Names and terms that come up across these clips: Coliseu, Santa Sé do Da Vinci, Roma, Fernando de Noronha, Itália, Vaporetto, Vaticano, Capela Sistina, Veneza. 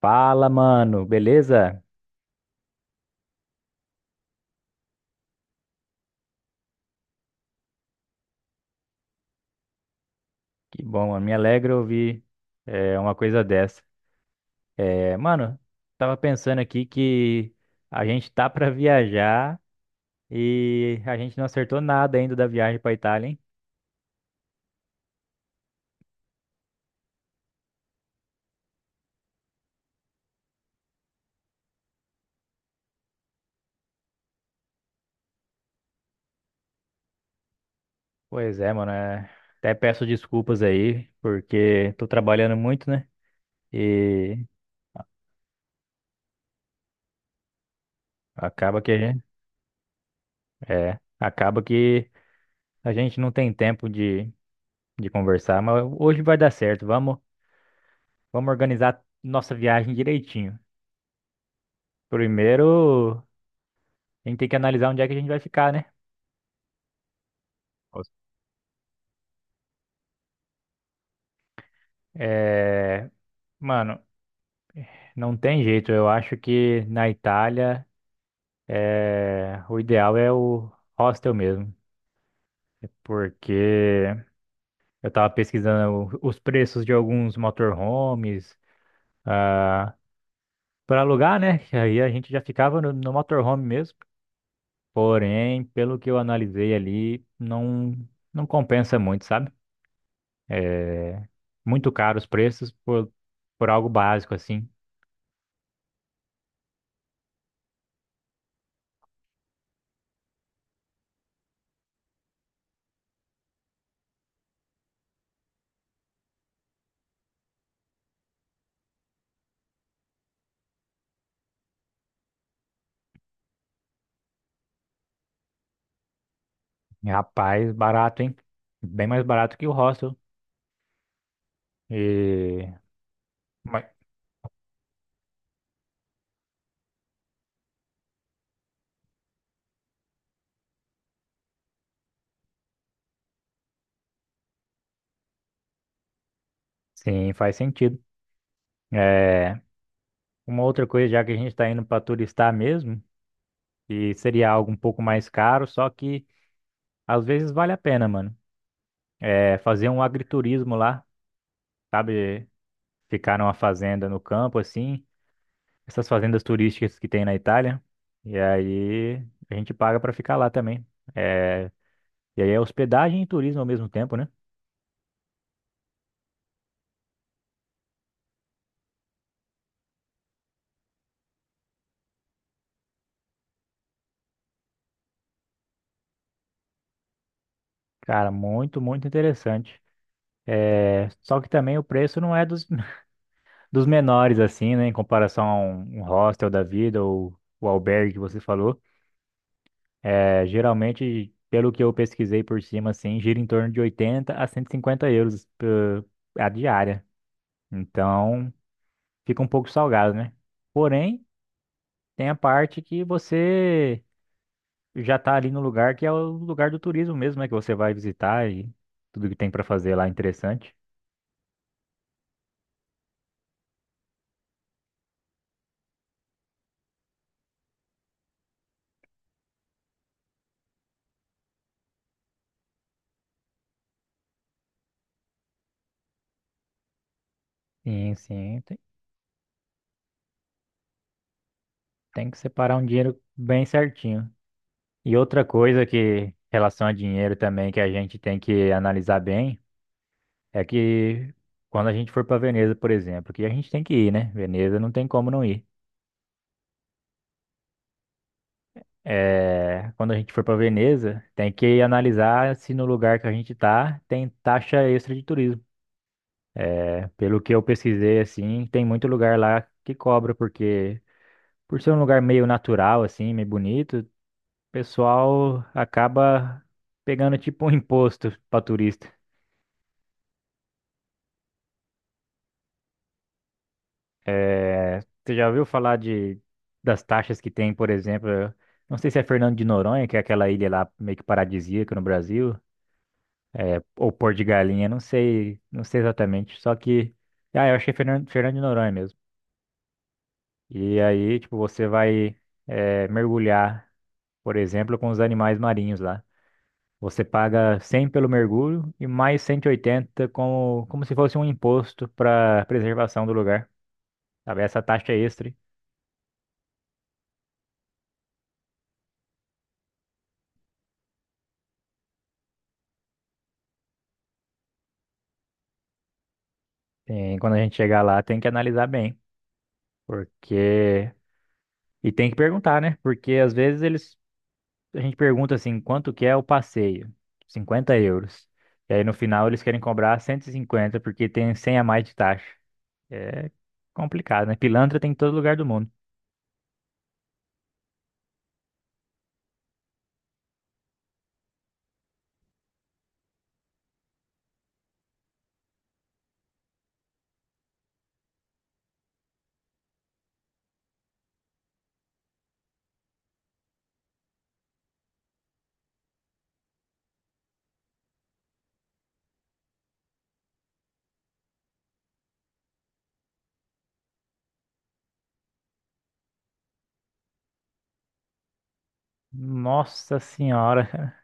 Fala, mano, beleza? Que bom, mano. Me alegra ouvir uma coisa dessa. Mano, tava pensando aqui que a gente tá pra viajar e a gente não acertou nada ainda da viagem pra Itália, hein? Pois é, mano. Até peço desculpas aí, porque tô trabalhando muito, né? E acaba que a gente, acaba que a gente não tem tempo de conversar, mas hoje vai dar certo. Vamos organizar nossa viagem direitinho. Primeiro, a gente tem que analisar onde é que a gente vai ficar, né? Nossa. É, mano, não tem jeito. Eu acho que na Itália o ideal é o hostel mesmo, porque eu tava pesquisando os preços de alguns motorhomes ah, para alugar, né? Que aí a gente já ficava no motorhome mesmo. Porém, pelo que eu analisei ali, não compensa muito, sabe? É, muito caro os preços por algo básico, assim. E, rapaz, barato, hein? Bem mais barato que o hostel. E... mas- Sim, faz sentido. É, uma outra coisa, já que a gente está indo para turistar mesmo, e seria algo um pouco mais caro, só que às vezes vale a pena, mano. É fazer um agriturismo lá, sabe? Ficar numa fazenda no campo, assim, essas fazendas turísticas que tem na Itália. E aí a gente paga para ficar lá também. É, e aí é hospedagem e turismo ao mesmo tempo, né? Cara, muito, muito interessante. É, só que também o preço não é dos menores, assim, né? Em comparação a um hostel da vida ou o albergue que você falou. É, geralmente, pelo que eu pesquisei por cima, assim, gira em torno de 80 a 150 euros a diária. Então, fica um pouco salgado, né? Porém, tem a parte que você já tá ali no lugar que é o lugar do turismo mesmo, né? Que você vai visitar e tudo que tem pra fazer lá é interessante. Sim, sim, tem, tem que separar um dinheiro bem certinho. E outra coisa que, em relação a dinheiro também, que a gente tem que analisar bem, é que quando a gente for para Veneza, por exemplo, que a gente tem que ir, né? Veneza não tem como não ir. É, quando a gente for para Veneza, tem que analisar se no lugar que a gente tá tem taxa extra de turismo. É, pelo que eu pesquisei, assim, tem muito lugar lá que cobra, porque por ser um lugar meio natural, assim, meio bonito, o pessoal acaba pegando tipo um imposto para turista. É, você já ouviu falar de das taxas que tem, por exemplo, eu não sei se é Fernando de Noronha, que é aquela ilha lá meio que paradisíaca no Brasil. Ou pôr de galinha, não sei, não sei exatamente. Só que, ah, eu achei Fernando, Fernando de Noronha mesmo. E aí, tipo, você vai mergulhar, por exemplo, com os animais marinhos lá. Você paga 100 pelo mergulho e mais 180 como, como se fosse um imposto para preservação do lugar. Sabe? Essa taxa extra, tem, quando a gente chegar lá, tem que analisar bem, porque... E tem que perguntar, né? Porque às vezes eles a gente pergunta assim, quanto que é o passeio? 50 euros. E aí no final eles querem cobrar 150 porque tem 100 a mais de taxa. É complicado, né? Pilantra tem em todo lugar do mundo. Nossa senhora,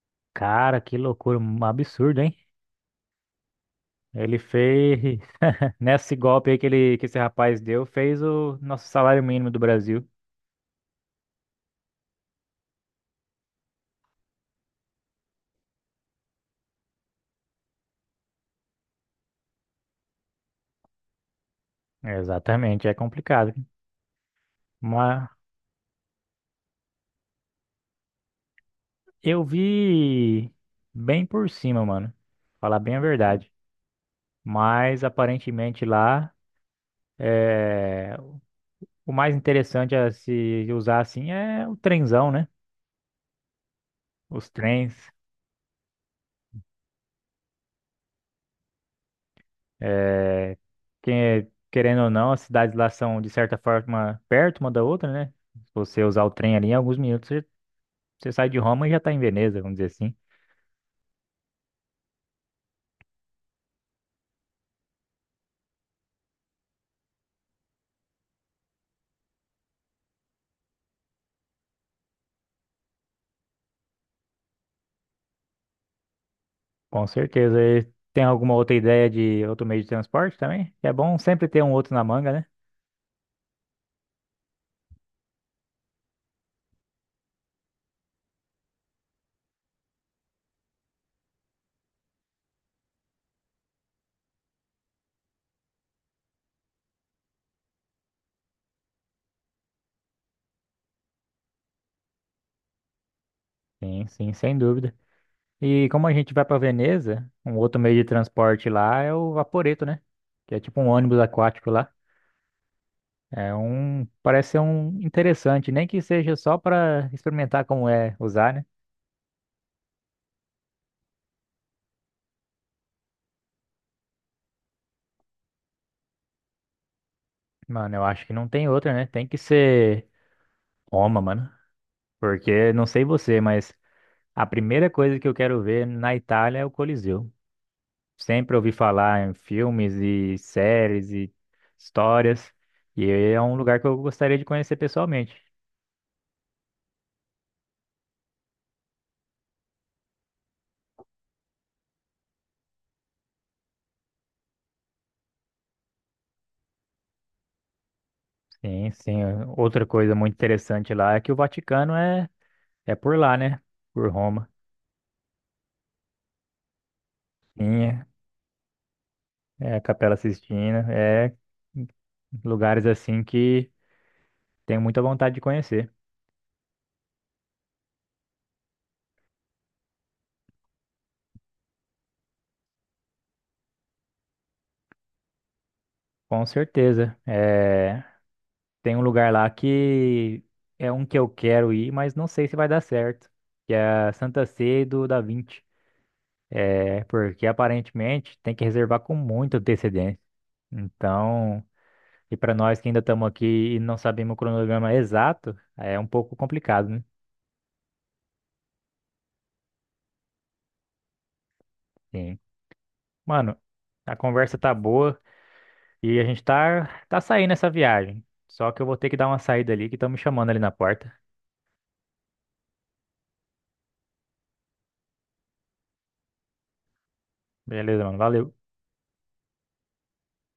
cara, que loucura, um absurdo, hein? Ele fez, nesse golpe aí que esse rapaz deu, fez o nosso salário mínimo do Brasil. É, exatamente, é complicado. Mas eu vi bem por cima, mano. Falar bem a verdade. Mas aparentemente lá é, o mais interessante a se usar assim é o trenzão, né? Os trens. É, que- querendo ou não, as cidades lá são de certa forma perto uma da outra, né? Se você usar o trem ali, em alguns minutos você sai de Roma e já está em Veneza, vamos dizer assim. Com certeza. E tem alguma outra ideia de outro meio de transporte também? É bom sempre ter um outro na manga, né? Sim, sim, sem dúvida. E como a gente vai para Veneza, um outro meio de transporte lá é o Vaporetto, né? Que é tipo um ônibus aquático lá. É um, parece ser um interessante, nem que seja só para experimentar como é usar, né? Mano, eu acho que não tem outra, né? Tem que ser Roma, mano. Porque não sei você, mas a primeira coisa que eu quero ver na Itália é o Coliseu. Sempre ouvi falar em filmes e séries e histórias, e é um lugar que eu gostaria de conhecer pessoalmente. Sim, sim. Outra coisa muito interessante lá é que o Vaticano é por lá, né? Por Roma. Sim, é a Capela Sistina, é lugares assim que tenho muita vontade de conhecer. Com certeza. É, tem um lugar lá que é um que eu quero ir, mas não sei se vai dar certo, que é a Santa Sé do Da Vinci. É porque aparentemente tem que reservar com muita antecedência. Então, e para nós que ainda estamos aqui e não sabemos o cronograma exato, é um pouco complicado, né? Sim. Mano, a conversa tá boa e a gente tá saindo essa viagem. Só que eu vou ter que dar uma saída ali que estão me chamando ali na porta. Beleza, mano. Valeu.